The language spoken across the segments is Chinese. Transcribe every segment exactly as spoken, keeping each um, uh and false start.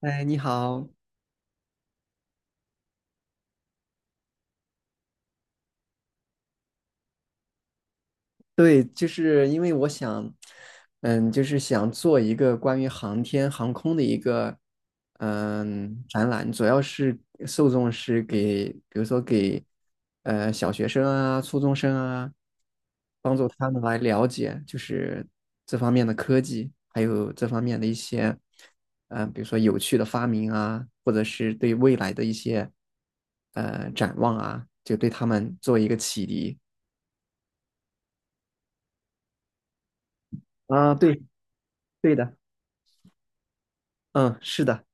哎，你好。对，就是因为我想，嗯，就是想做一个关于航天航空的一个，嗯，展览。主要是受众是给，比如说给，呃，小学生啊、初中生啊，帮助他们来了解，就是这方面的科技，还有这方面的一些，嗯、比如说有趣的发明啊，或者是对未来的一些，呃，展望啊，就对他们做一个启迪。啊，对，对的，嗯，是的。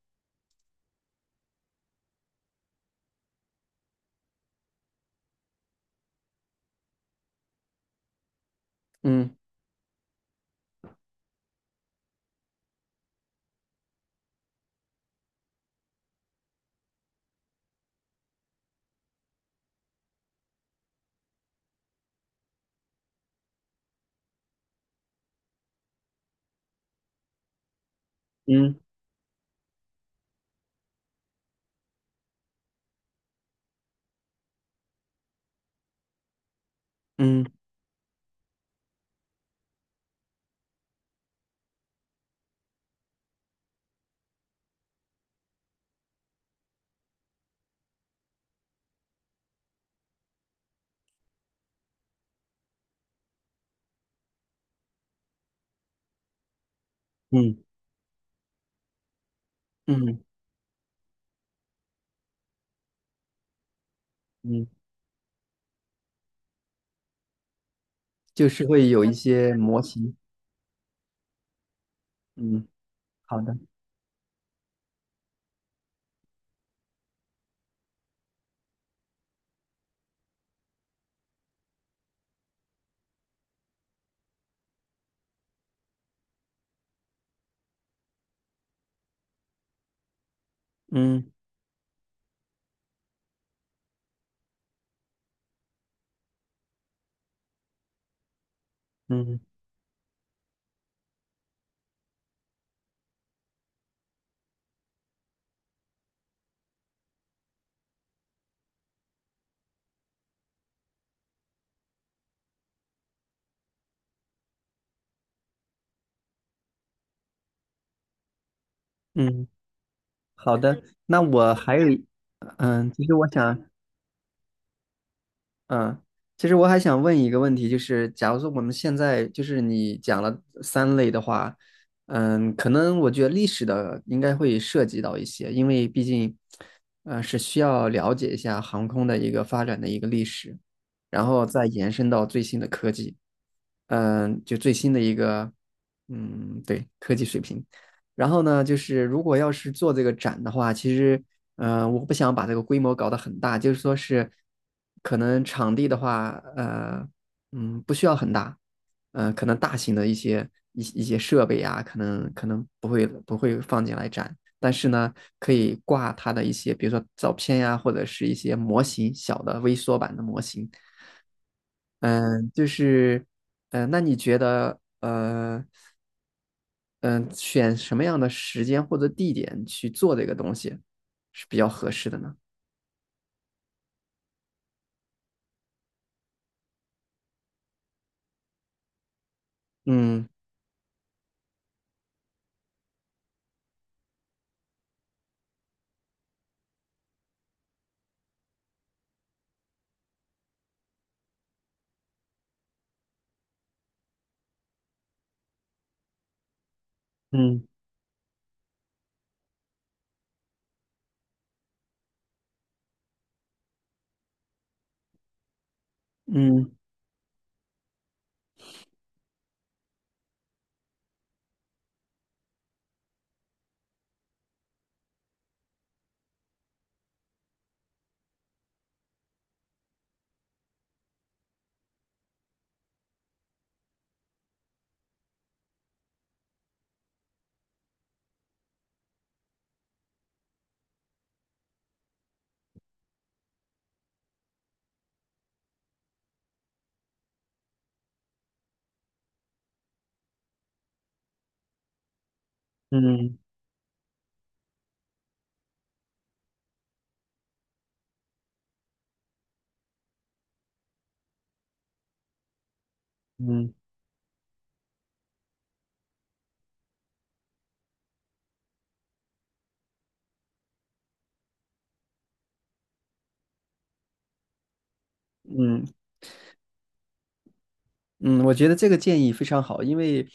嗯嗯嗯嗯嗯嗯。嗯，就是会有一些模型。嗯，好的。嗯嗯嗯，好的。那我还有一，嗯，其实我想嗯，其实我还想问一个问题。就是假如说我们现在就是你讲了三类的话，嗯，可能我觉得历史的应该会涉及到一些，因为毕竟，呃，是需要了解一下航空的一个发展的一个历史，然后再延伸到最新的科技，嗯，就最新的一个，嗯，对，科技水平。然后呢，就是如果要是做这个展的话，其实，呃，我不想把这个规模搞得很大。就是说是，可能场地的话，呃，嗯，不需要很大。呃，可能大型的一些一一些设备啊，可能可能不会不会放进来展，但是呢，可以挂它的一些，比如说照片呀、或者是一些模型，小的微缩版的模型。嗯、就是，嗯，那你觉得，呃？嗯、选什么样的时间或者地点去做这个东西是比较合适的呢？嗯嗯嗯嗯嗯嗯。嗯，我觉得这个建议非常好。因为，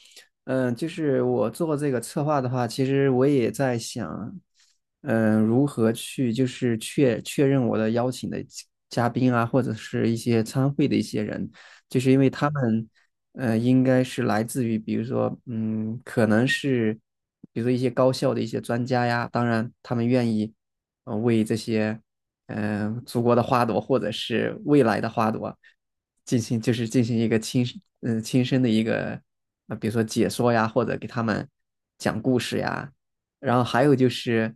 嗯、就是我做这个策划的话，其实我也在想，嗯、如何去就是确确认我的邀请的嘉嘉宾啊，或者是一些参会的一些人，就是因为他们，嗯，应该是来自于，比如说，嗯，可能是，比如说一些高校的一些专家呀，当然他们愿意，呃，为这些。嗯、呃祖国的花朵或者是未来的花朵进行就是进行一个亲嗯、呃亲身的一个呃比如说解说呀，或者给他们讲故事呀。然后还有就是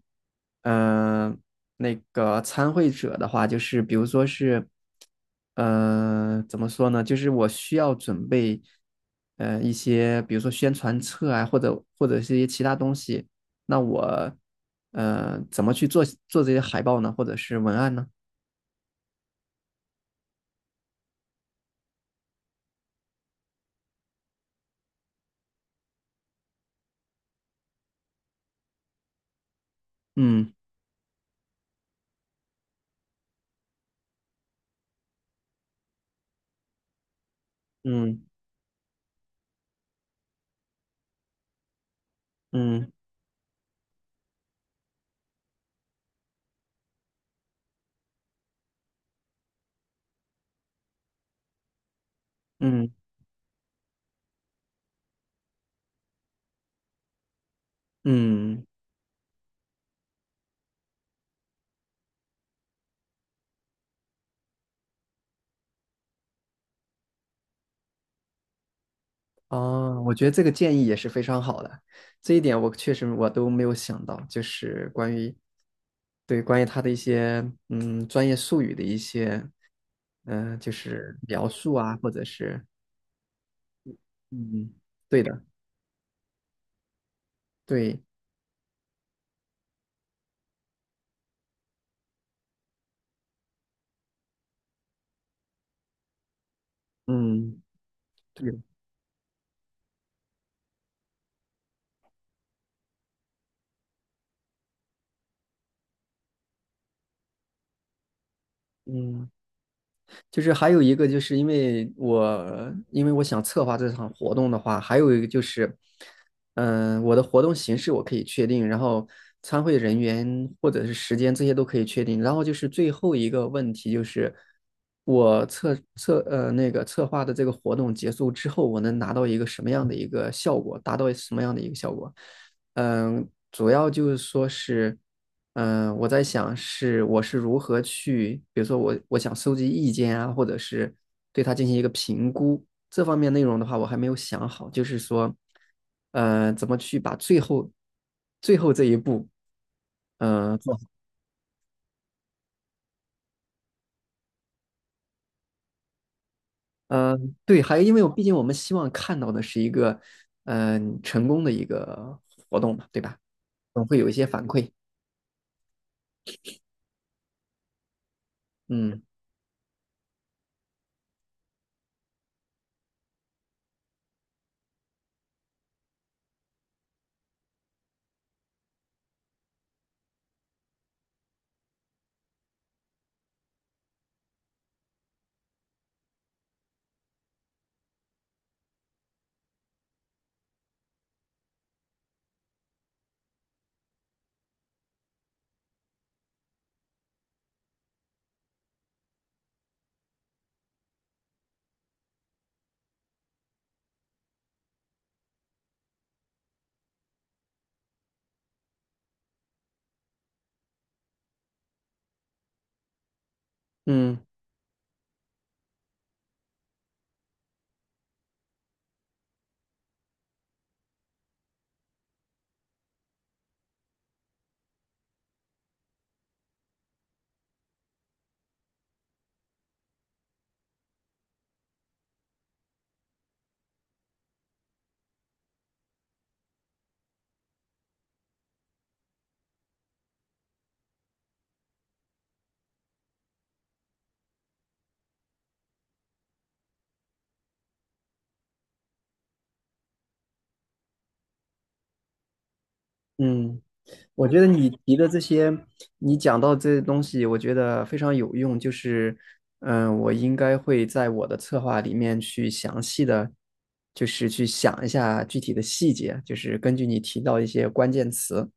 嗯、呃那个参会者的话，就是比如说是呃怎么说呢，就是我需要准备呃一些比如说宣传册啊，或者或者是一些其他东西。那我呃怎么去做做这些海报呢，或者是文案呢？嗯嗯嗯嗯嗯。哦，我觉得这个建议也是非常好的。这一点我确实我都没有想到，就是关于对关于他的一些嗯专业术语的一些嗯、呃就是描述啊，或者是嗯对的对嗯对的嗯。就是还有一个，就是因为我因为我想策划这场活动的话，还有一个就是，嗯、我的活动形式我可以确定，然后参会人员或者是时间这些都可以确定，然后就是最后一个问题就是我策策呃那个策划的这个活动结束之后，我能拿到一个什么样的一个效果，达到什么样的一个效果？嗯，主要就是说是，嗯，我在想是我是如何去，比如说我我想收集意见啊，或者是对它进行一个评估。这方面内容的话，我还没有想好。就是说，呃，怎么去把最后最后这一步，嗯，做好。呃对，还因为我毕竟我们希望看到的是一个，嗯、成功的一个活动嘛，对吧？总会有一些反馈。嗯嗯。嗯，我觉得你提的这些，你讲到这些东西，我觉得非常有用。就是，嗯，我应该会在我的策划里面去详细的，就是去想一下具体的细节，就是根据你提到一些关键词。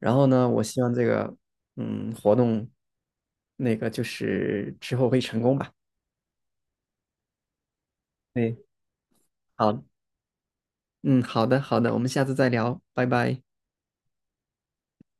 然后呢，我希望这个，嗯，活动那个就是之后会成功吧。对，好，嗯，好的，好的，我们下次再聊，拜拜。